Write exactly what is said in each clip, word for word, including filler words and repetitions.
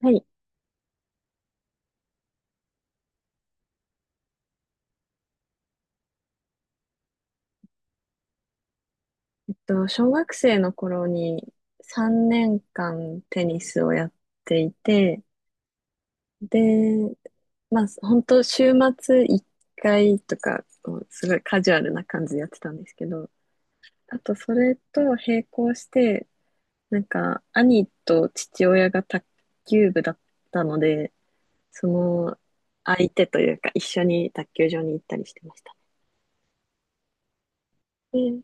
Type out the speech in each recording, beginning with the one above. はい。えっと、小学生の頃にさんねんかんテニスをやっていて、で、まあ、本当週末いっかいとか、こうすごいカジュアルな感じでやってたんですけど、あとそれと並行して、なんか、兄と父親が卓球部だったので、その相手というか一緒に卓球場に行ったりしてました。で、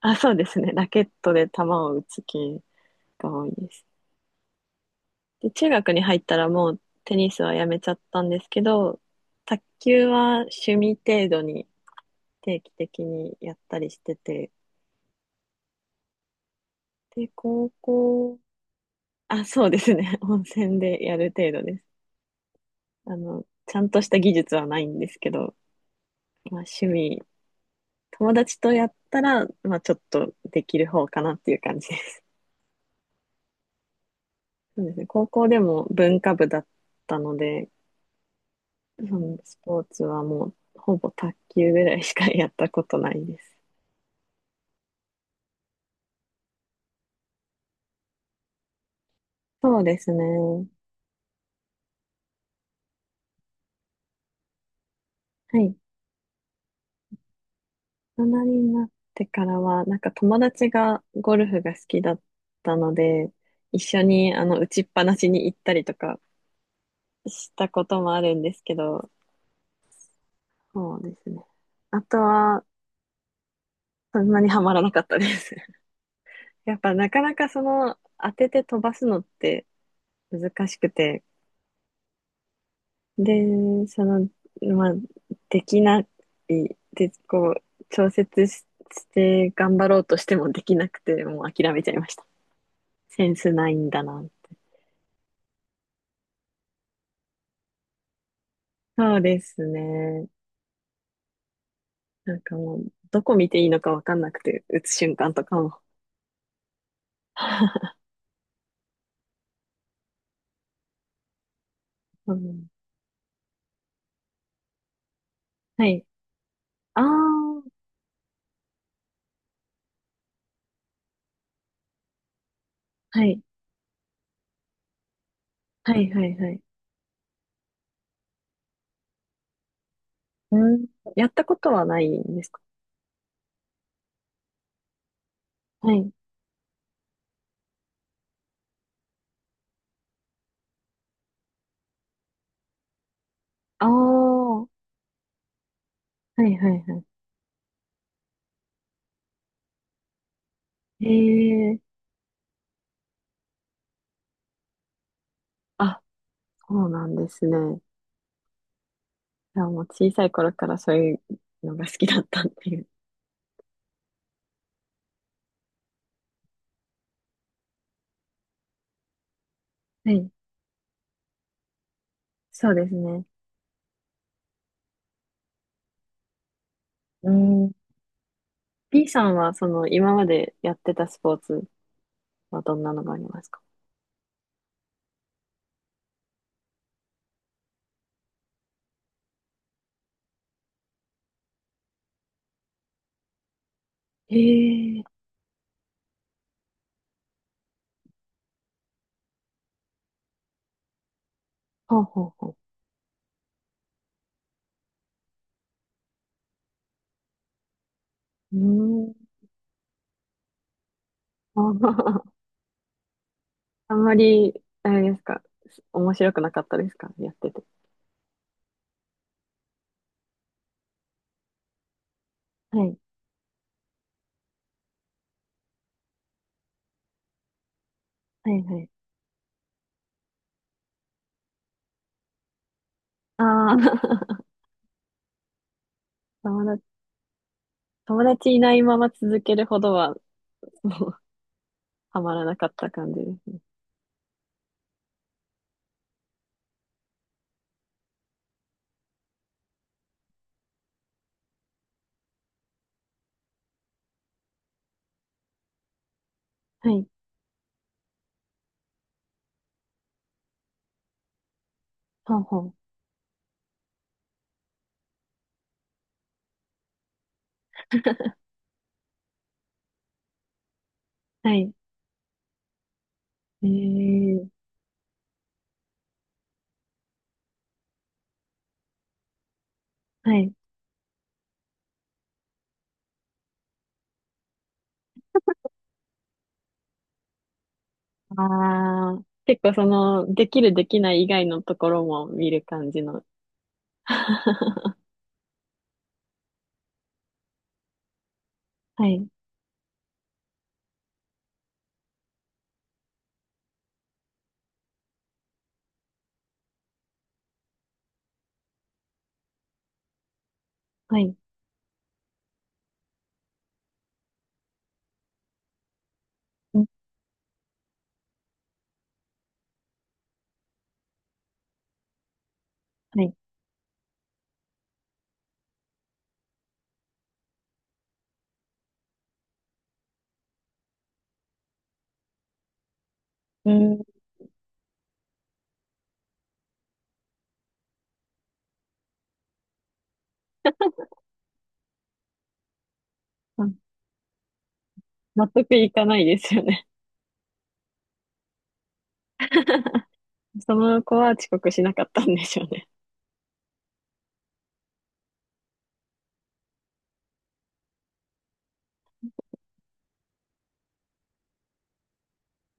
あ、そうですね。ラケットで球を打つ系が多いです。で、中学に入ったらもうテニスはやめちゃったんですけど、卓球は趣味程度に定期的にやったりしてて、で、高校、あ、そうですね。温泉でやる程度です。あの、ちゃんとした技術はないんですけど、まあ趣味、友達とやったら、まあちょっとできる方かなっていう感じです。そうですね。高校でも文化部だったので、そのスポーツはもうほぼ卓球ぐらいしかやったことないです。そうですね。はい。大人になってからは、なんか友達がゴルフが好きだったので、一緒にあの打ちっぱなしに行ったりとかしたこともあるんですけど、そうですね。あとは、そんなにはまらなかったです。やっぱなかなかその当てて飛ばすのって難しくて、で、その、まあ、できない、で、こう、調節しして頑張ろうとしてもできなくて、もう諦めちゃいました。センスないんだな。そうですね。なんかもう、どこ見ていいのかわかんなくて、打つ瞬間とかも。うん、はい。ああ、はい。はい、はい、はい。うん。やったことはないんですか？はい。ああ、はい、はい、はい。ええ、あ、そうなんですね。いや、もう小さい頃からそういうのが好きだったっていう。はい。そうですね。うん。B さんは、その、今までやってたスポーツはどんなのがありますか？ええ、ほうほうほう。うーん。あんまり、あれですか、面白くなかったですか、やってて。はい。はいはい。ああ、友達、友達いないまま続けるほどは、もう、はまらなかった感じですね。はい。ほうほう。はい。ええ、はい。ああ、結構その、できるできない以外のところも見る感じの。はい。はい。うん、はい。うん。納得いかないですよね。その子は遅刻しなかったんでしょうね。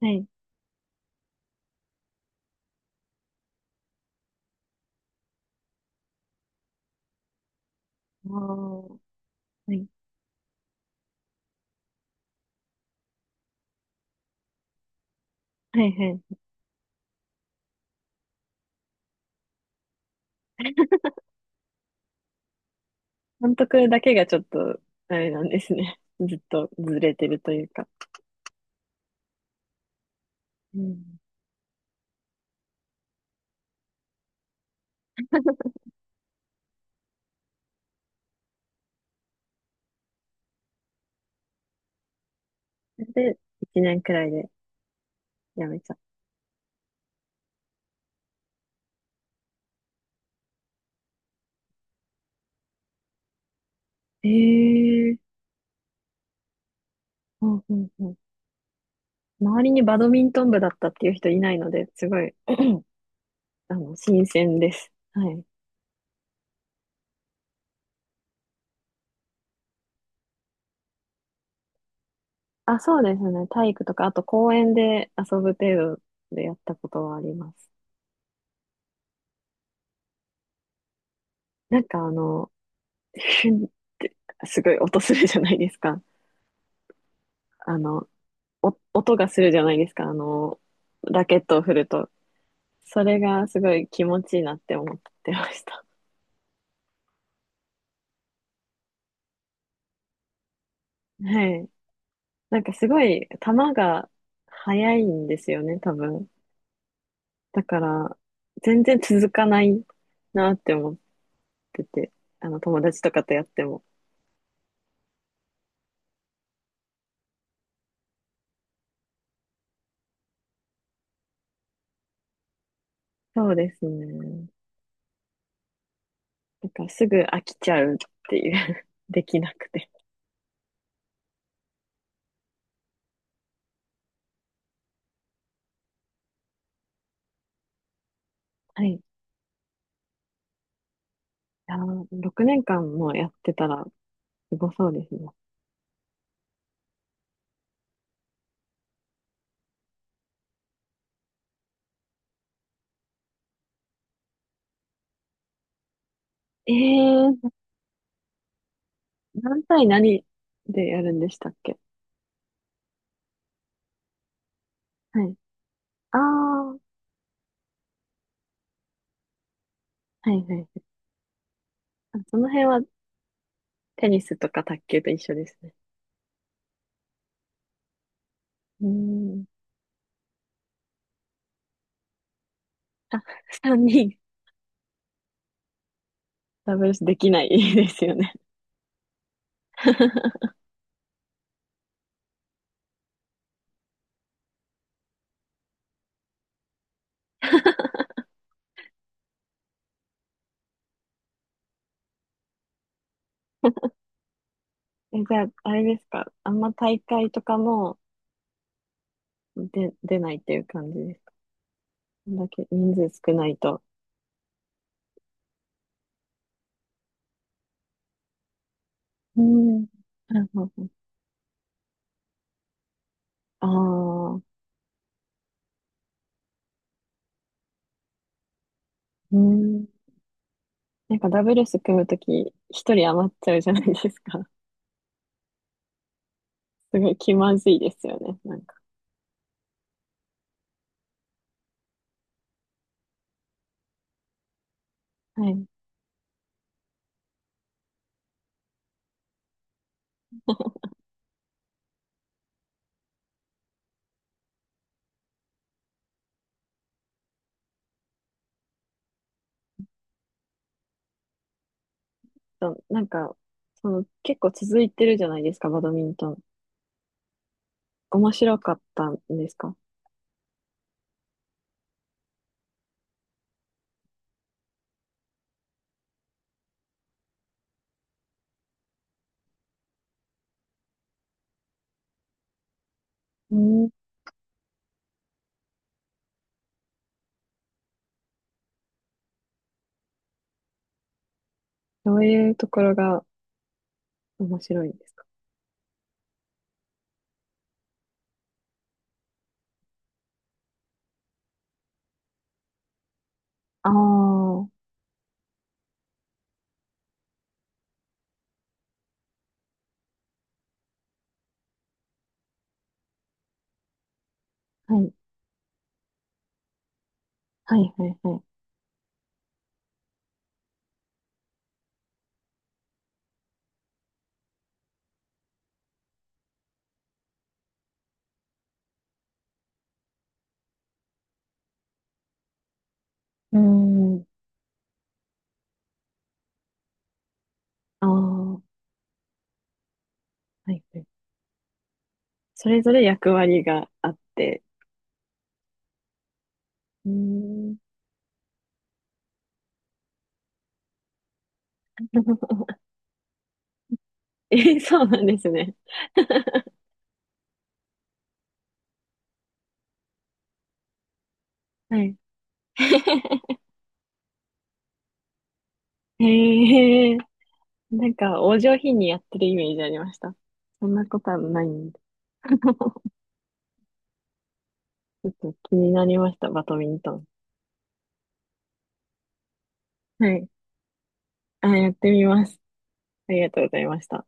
はい。おー、はい。はいはい。監督だけがちょっと、あれなんですね。ずっとずれてるというか。うん。それで、いちねんくらいで辞めちゃった。えー、ほうんうんうん。周りにバドミントン部だったっていう人いないので、すごい、あの、新鮮です。はい。あ、そうですね。体育とか、あと公園で遊ぶ程度でやったことはあります。なんかあの、ヒュンってすごい音するじゃないですか。あの、お音がするじゃないですか。あの、ラケットを振ると。それがすごい気持ちいいなって思ってました。はい。なんかすごい球が速いんですよね、多分。だから、全然続かないなって思ってて、あの、友達とかとやっても。そうですね。なんかすぐ飽きちゃうっていう できなくて。はい。あの、ろくねんかんもやってたら、すごそうですね。ええー、何対何でやるんでしたっけ？はい。ああ、はい、はい、はい。あ、その辺はテニスとか卓球と一緒ですね。うーん。あ、さんにん。ダブルスできないですよね。え、じゃあ、あれですか。あんま大会とかも出、出ないっていう感じですか。こんだけ人数少ないと。うーん。なるほど。ああ、うーん。なんかダブルス組むとき、一人余っちゃうじゃないですか。すごい気まずいですよね。なんか。はい。そうなんか、その、結構続いてるじゃないですか、バドミントン。面白かったんですか？うん。どういうところが面白いんですか？ああー、はい。はい、はい、はい。うん。ああ、はい、はい。それぞれ役割があって。うん。え、そうなんですね。はい。へえ、なんか、お上品にやってるイメージありました。そんなことはないんで。気になりました、バドミントン。はい。あ、やってみます。ありがとうございました。